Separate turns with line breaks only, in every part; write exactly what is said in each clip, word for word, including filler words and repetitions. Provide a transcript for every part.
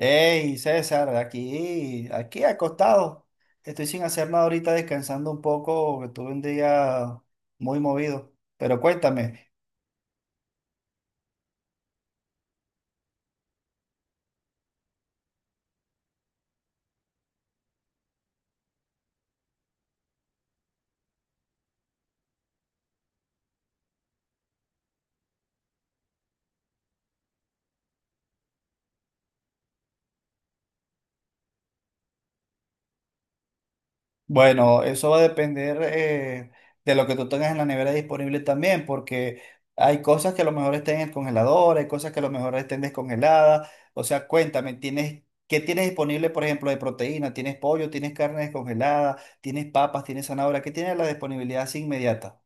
Hey, César, aquí, aquí acostado. Estoy sin hacer nada ahorita, descansando un poco, que tuve un día muy movido. Pero cuéntame. Bueno, eso va a depender eh, de lo que tú tengas en la nevera disponible también, porque hay cosas que a lo mejor estén en el congelador, hay cosas que a lo mejor estén descongeladas. O sea, cuéntame, ¿tienes, qué tienes disponible, por ejemplo, de proteína? ¿Tienes pollo? ¿Tienes carne descongelada? ¿Tienes papas? ¿Tienes zanahoria? ¿Qué tienes la disponibilidad así inmediata?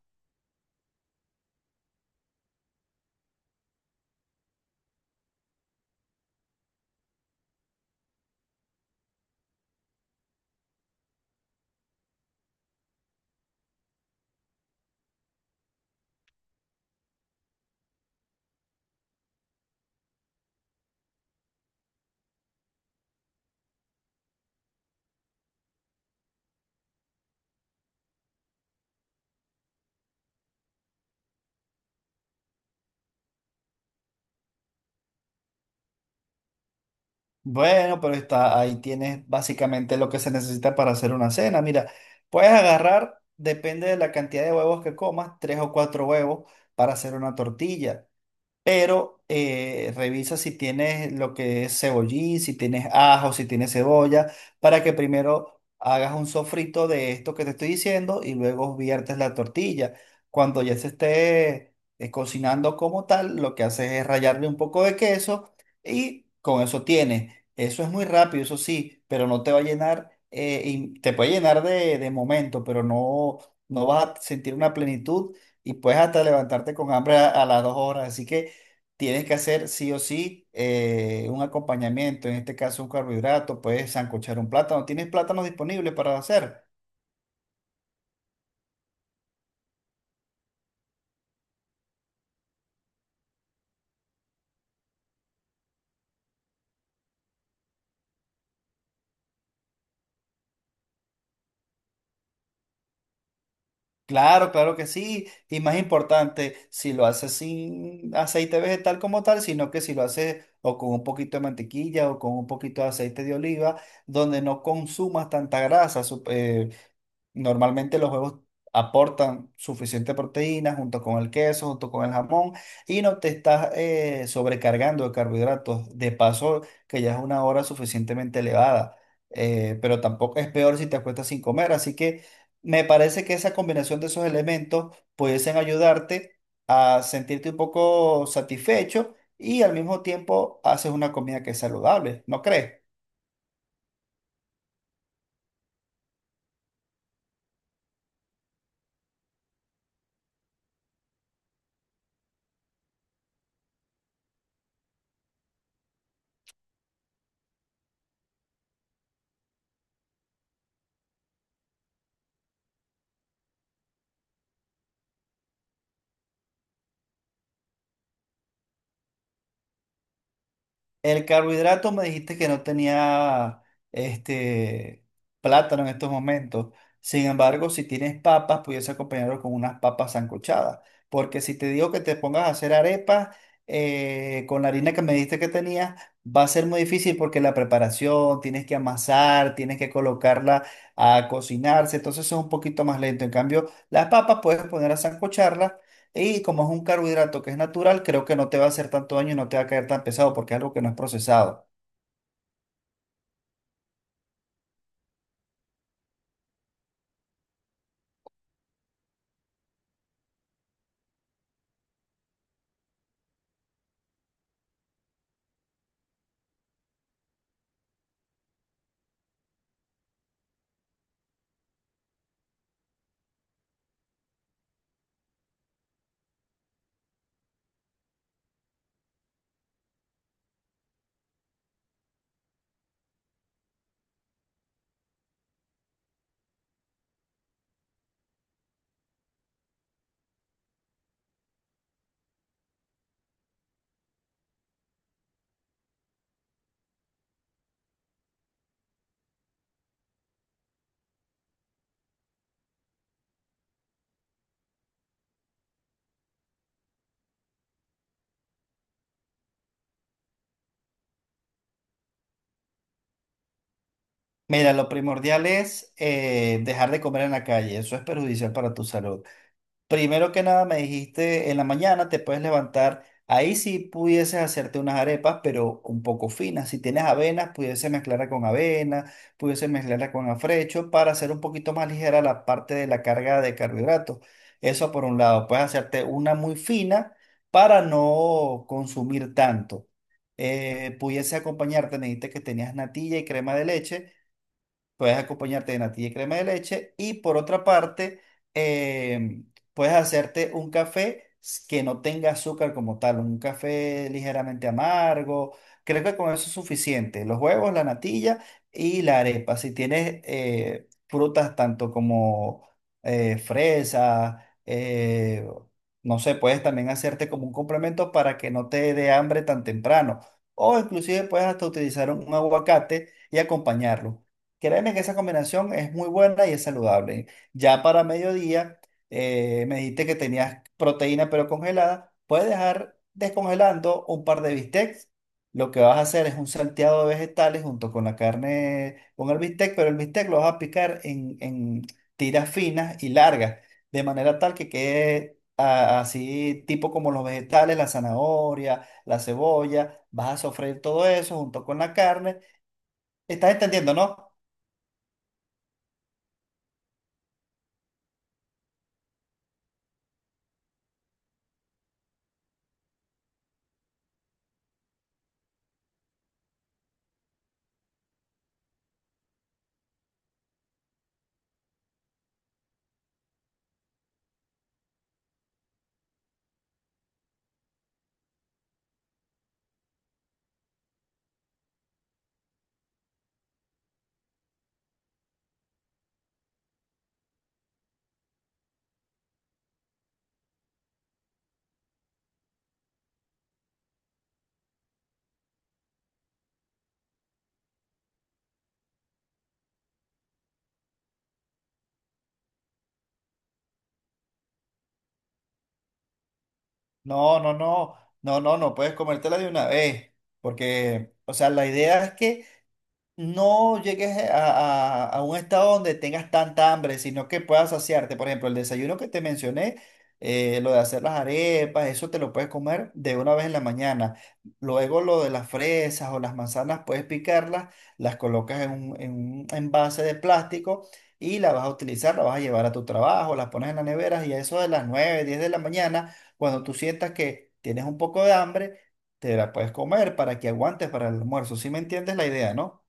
Bueno, pero está, ahí tienes básicamente lo que se necesita para hacer una cena. Mira, puedes agarrar, depende de la cantidad de huevos que comas, tres o cuatro huevos para hacer una tortilla pero eh, revisa si tienes lo que es cebollín, si tienes ajo, si tienes cebolla, para que primero hagas un sofrito de esto que te estoy diciendo y luego viertes la tortilla. Cuando ya se esté eh, cocinando como tal, lo que haces es rallarle un poco de queso y con eso tienes. Eso es muy rápido, eso sí, pero no te va a llenar, eh, y te puede llenar de, de momento, pero no, no vas a sentir una plenitud y puedes hasta levantarte con hambre a, a las dos horas. Así que tienes que hacer sí o sí eh, un acompañamiento, en este caso un carbohidrato, puedes sancochar un plátano. ¿Tienes plátano disponible para hacer? Claro, claro que sí. Y más importante, si lo haces sin aceite vegetal como tal, sino que si lo haces o con un poquito de mantequilla o con un poquito de aceite de oliva, donde no consumas tanta grasa. Sup- eh, Normalmente los huevos aportan suficiente proteína junto con el queso, junto con el jamón y no te estás eh, sobrecargando de carbohidratos. De paso, que ya es una hora suficientemente elevada, eh, pero tampoco es peor si te acuestas sin comer. Así que me parece que esa combinación de esos elementos pudiesen ayudarte a sentirte un poco satisfecho y al mismo tiempo haces una comida que es saludable, ¿no crees? El carbohidrato me dijiste que no tenía este plátano en estos momentos. Sin embargo, si tienes papas, pudiese acompañarlo con unas papas sancochadas. Porque si te digo que te pongas a hacer arepas eh, con la harina que me dijiste que tenías, va a ser muy difícil porque la preparación, tienes que amasar, tienes que colocarla a cocinarse, entonces es un poquito más lento. En cambio, las papas puedes poner a sancocharlas y como es un carbohidrato que es natural, creo que no te va a hacer tanto daño y no te va a caer tan pesado porque es algo que no es procesado. Mira, lo primordial es eh, dejar de comer en la calle. Eso es perjudicial para tu salud. Primero que nada, me dijiste en la mañana te puedes levantar. Ahí sí pudieses hacerte unas arepas, pero un poco finas. Si tienes avenas, pudiese mezclarla con avena, pudiese mezclarla con afrecho para hacer un poquito más ligera la parte de la carga de carbohidratos. Eso por un lado, puedes hacerte una muy fina para no consumir tanto. Eh, pudiese acompañarte, me dijiste que tenías natilla y crema de leche. Puedes acompañarte de natilla y crema de leche. Y por otra parte, em, puedes hacerte un café s- que no tenga azúcar como tal, un café ligeramente amargo. Creo que con eso es suficiente. Los huevos, la natilla y la arepa. Si tienes eh, frutas tanto como eh, fresa, eh, no sé, puedes también hacerte como un complemento para que no te dé hambre tan temprano. O inclusive puedes hasta utilizar un un aguacate y acompañarlo. Créeme que esa combinación es muy buena y es saludable. Ya para mediodía, eh, me dijiste que tenías proteína pero congelada. Puedes dejar descongelando un par de bistecs. Lo que vas a hacer es un salteado de vegetales junto con la carne, con el bistec, pero el bistec lo vas a picar en, en tiras finas y largas, de manera tal que quede ah, así, tipo como los vegetales, la zanahoria, la cebolla. Vas a sofreír todo eso junto con la carne. ¿Estás entendiendo, no? No, no, no, no, no, no puedes comértela de una vez, porque, o sea, la idea es que no llegues a, a- a un estado donde tengas tanta hambre, sino que puedas saciarte. Por ejemplo, el desayuno que te mencioné, eh, lo de hacer las arepas, eso te lo puedes comer de una vez en la mañana. Luego lo de las fresas o las manzanas, puedes picarlas, las colocas en un, en un envase de plástico y la vas a utilizar, la vas a llevar a tu trabajo, las pones en la nevera y a eso de las nueve diez de la mañana, cuando tú sientas que tienes un poco de hambre, te la puedes comer para que aguantes para el almuerzo. ¿Sí me entiendes la idea, no?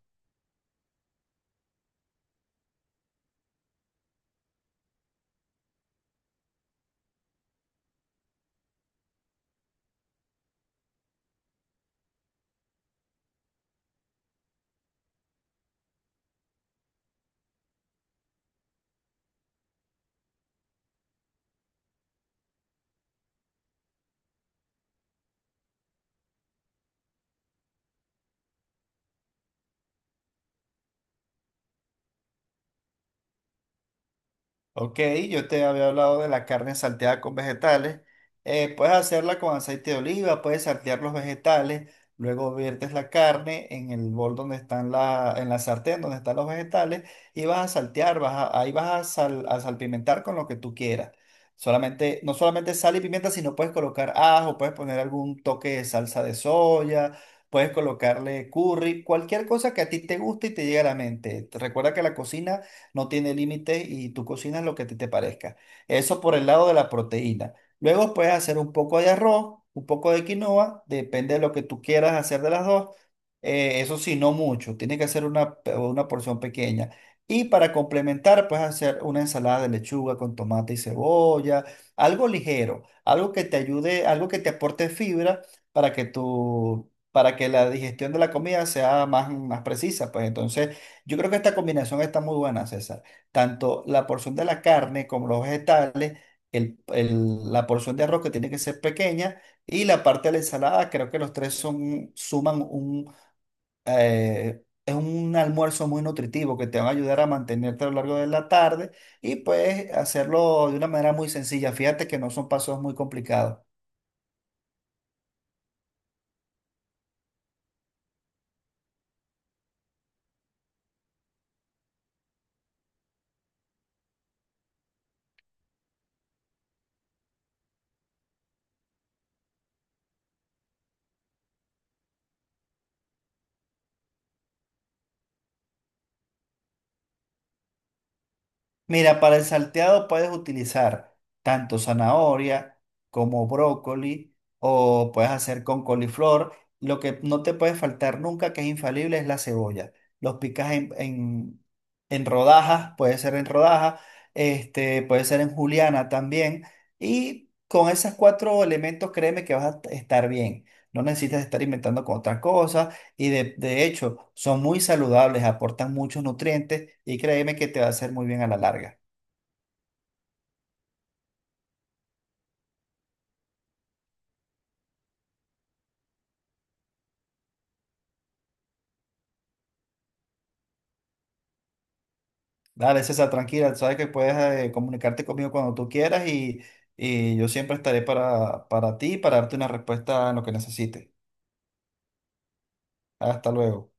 Ok, yo te había hablado de la carne salteada con vegetales. Eh, puedes hacerla con aceite de oliva, puedes saltear los vegetales, luego viertes la carne en el bol donde están la, en la sartén donde están los vegetales y vas a saltear, vas a- ahí vas a, sal- a salpimentar con lo que tú quieras. Solamente, no solamente sal y pimienta, sino puedes colocar ajo, puedes poner algún toque de salsa de soya, puedes colocarle curry, cualquier cosa que a ti te guste y te llegue a la mente. Recuerda que la cocina no tiene límite y tú cocinas lo que a ti te parezca. Eso por el lado de la proteína. Luego puedes hacer un poco de arroz, un poco de quinoa, depende de lo que tú quieras hacer de las dos. Eh, eso sí, no mucho, tiene que ser una, pe- una porción pequeña. Y para complementar, puedes hacer una ensalada de lechuga con tomate y cebolla, algo ligero, algo que te ayude, algo que te aporte fibra para que tu, para que la digestión de la comida sea más, más precisa. Pues entonces, yo creo que esta combinación está muy buena, César. Tanto la porción de la carne como los vegetales, el- el- la porción de arroz que tiene que ser pequeña y la parte de la ensalada, creo que los tres son, suman un, eh, es un almuerzo muy nutritivo que te van a ayudar a mantenerte a lo largo de la tarde y puedes hacerlo de una manera muy sencilla. Fíjate que no son pasos muy complicados. Mira, para el salteado puedes utilizar tanto zanahoria como brócoli o puedes hacer con coliflor. Lo que no te puede faltar nunca, que es infalible, es la cebolla. Los picas en, en- en rodajas, puede ser en rodajas, este, puede ser en juliana también. Y con esos cuatro elementos, créeme que vas a estar bien. No necesitas estar inventando con otras cosas y de, de hecho, son muy saludables, aportan muchos nutrientes y créeme que te va a hacer muy bien a la larga. Dale, César, tranquila, sabes que puedes eh, comunicarte conmigo cuando tú quieras y, y yo siempre estaré para, para ti y para darte una respuesta en lo que necesites. Hasta luego.